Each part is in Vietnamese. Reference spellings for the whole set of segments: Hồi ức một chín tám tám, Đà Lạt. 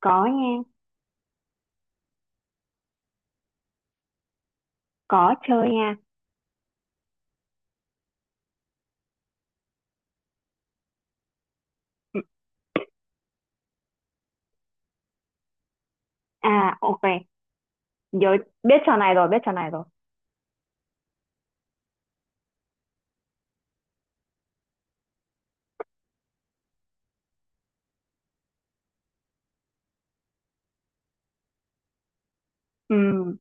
Có nha. Có chơi nha. À, ok. Rồi, biết trò này rồi, biết trò này rồi. Ừ,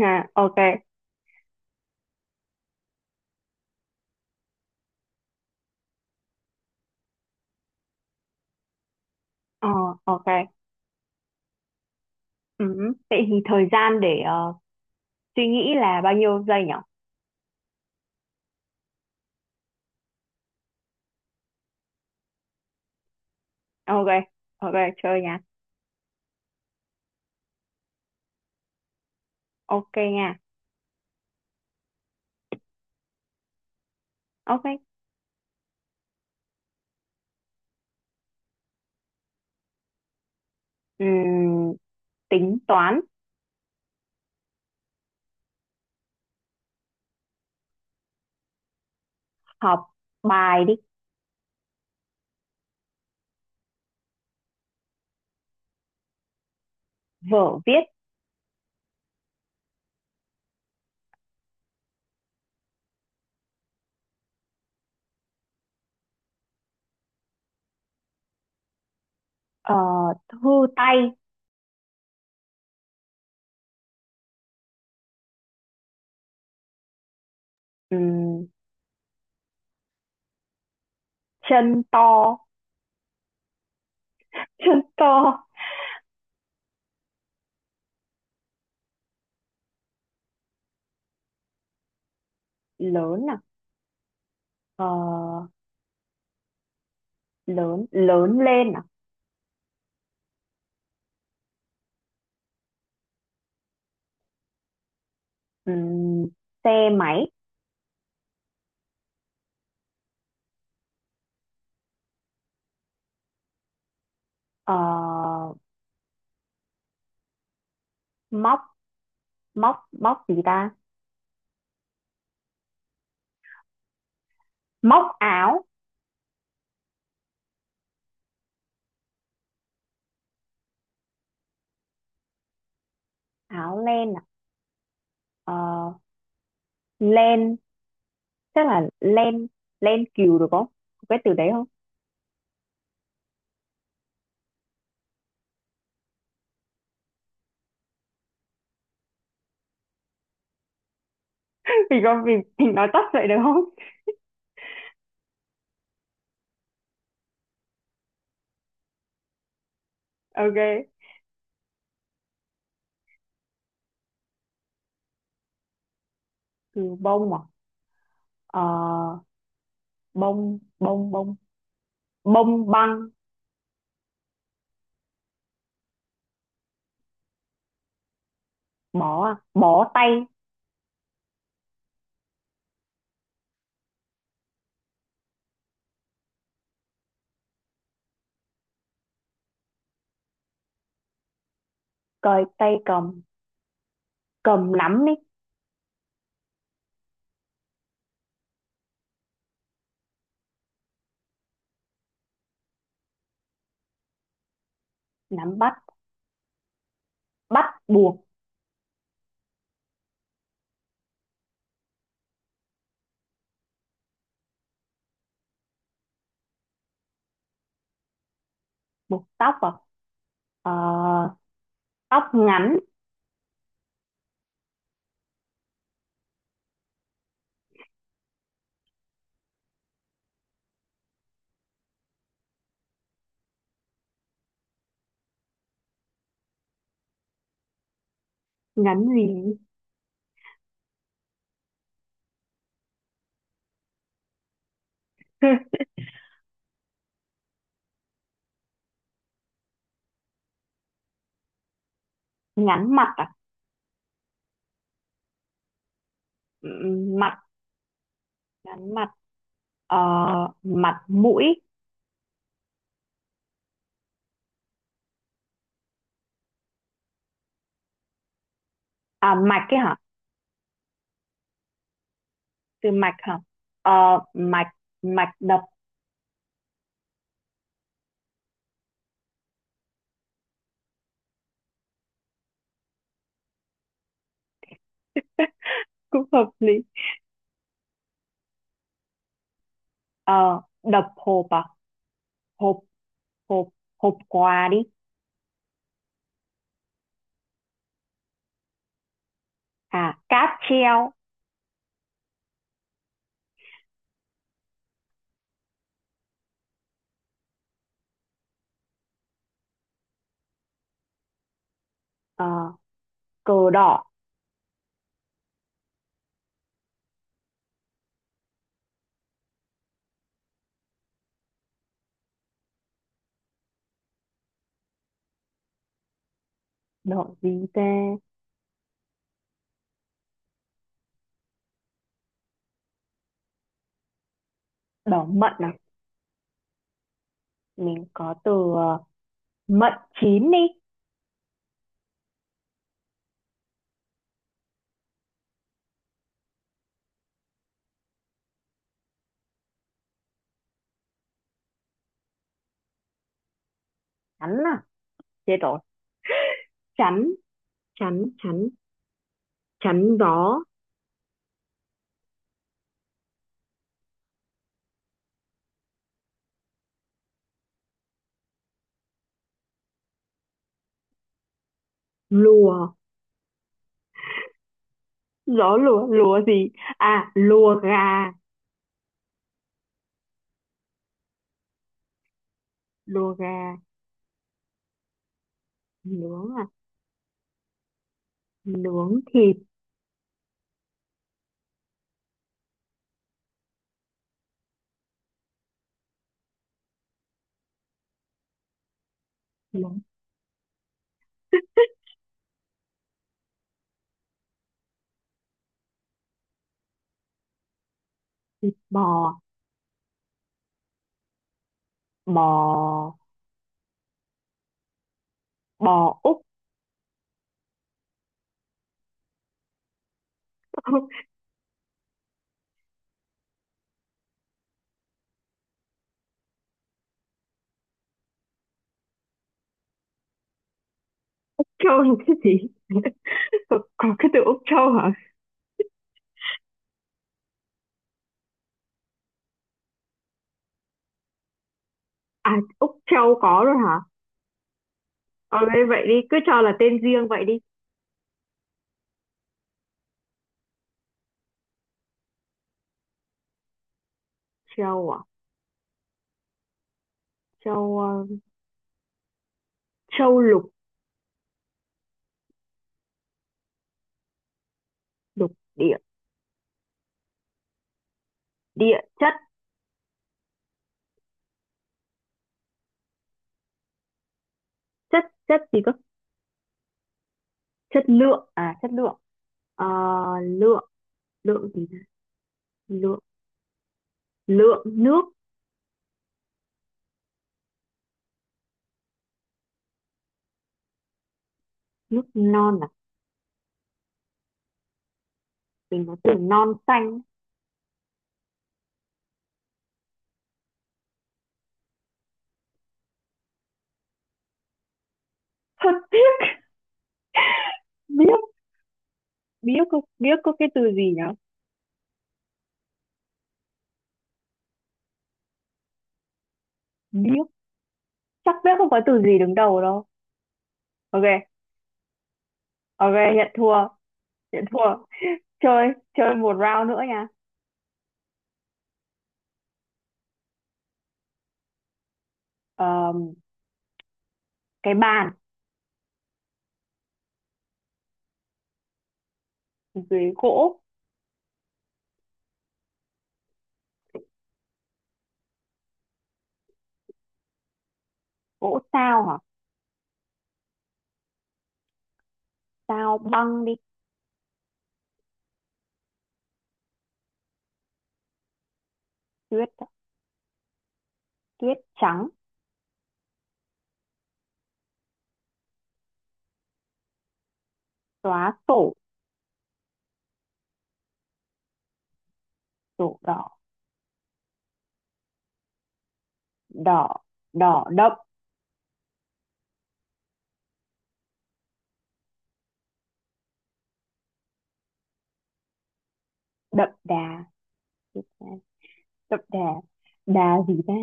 ha, ok. ờ ok. Ừ, vậy thì thời gian để suy nghĩ là bao nhiêu giây nhỉ? Ok, ok, chơi nha. Ok nha. Ok. Ừ, tính toán. Học bài đi. Vở viết. Ờ, thư tay. Ừ, chân to. Chân to lớn à? Ờ, lớn, lớn lên à? Ừm, xe máy. Ờ, móc, móc, móc gì ta? Móc áo. Áo len à? Ờ, len, chắc là len, len cừu được không? Có cái từ đấy không? Vì con, vì mình nói tắt vậy được không? Ok. Từ bông à? Ờ, bông, bông, bông, bông băng. Bó à? Bó tay. Cởi tay cầm, cầm nắm đi. Nắm bắt. Bắt buộc. Buộc tóc à? Ờ, tóc ngắn. Ngắn gì? Ngắn mặt à? Mặt. Ngắn mặt. Ờ, mặt mũi. À, mạch cái hả? Từ mạch hả? Ờ, mạch. Mạch đập. Cũng hợp lý. Ờ, đập hộp à? Hộp, hộp, hộp quà đi. À, cáp treo. Ờ, cờ đỏ. Đỏ gì ta? Đỏ mận à? Mình có từ mận chín đi. Chắn à? Chết rồi. Chắn, chắn chắn, chắn gió. Lùa. Gió lùa, lùa gì, à lùa gà. Lùa gà. Nướng à? Nướng thịt. Nướng. Bò. Bò, bò Úc. Châu là cái gì? Có cái từ Úc Châu hả? À, Úc Châu có rồi hả? Ờ, thế vậy đi, cứ cho là tên riêng vậy đi. Châu à? Châu, châu lục. Lục địa. Địa chất. Chất, chất gì cơ? Chất lượng à? Chất lượng. Ờ, lượng, lượng gì, lượng, lượng nước. Nước non à? Mình có từ non xanh. Thật. Biết. Biếc, có biếc, có cái từ gì nhỉ? Biếc, chắc biếc không có từ gì đứng đầu đâu. Ok, ok, nhận thua, nhận thua. Chơi, chơi một round nữa nha. Ờm, cái bàn. Dưới gỗ. Gỗ sao hả? Sao băng đi. Tuyết, tuyết trắng. Xóa sổ. Sổ đỏ. Đỏ, đỏ đậm. Đậm đà. Đậm đà. Đà gì ta?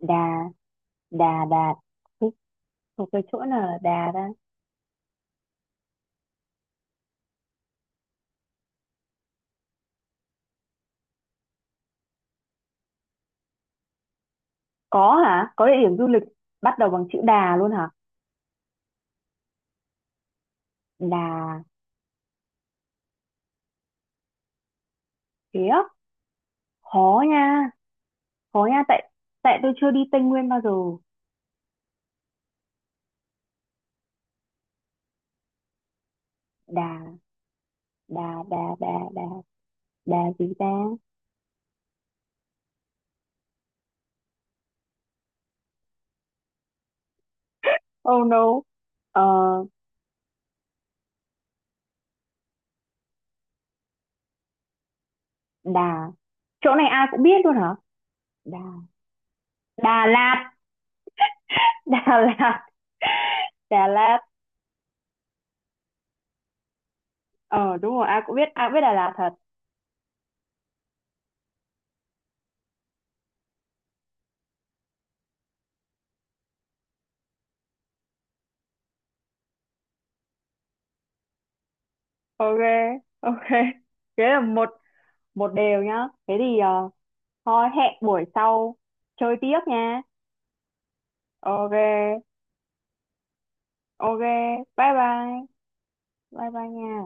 Đà, đà, đà. Ê, một cái chỗ nào là đà ta? Có hả? Có địa điểm du lịch bắt đầu bằng chữ đà luôn hả? Đà khía. Khó nha, khó nha tại, tại tôi chưa đi Tây Nguyên bao giờ. Đà, đà, đà, đà, đà. Đà gì ta? Oh no. Ờ, Đà, chỗ này ai cũng biết luôn hả? Đà, Đà Lạt. Đà Lạt. Đà Lạt. Ờ, đúng rồi, ai cũng biết, ai cũng biết Đà Lạt thật. Ok, ok, thế là một, một đều nhá. Thế thì thôi hẹn buổi sau chơi tiếp nha. Ok, ok, bye bye. Bye bye nha.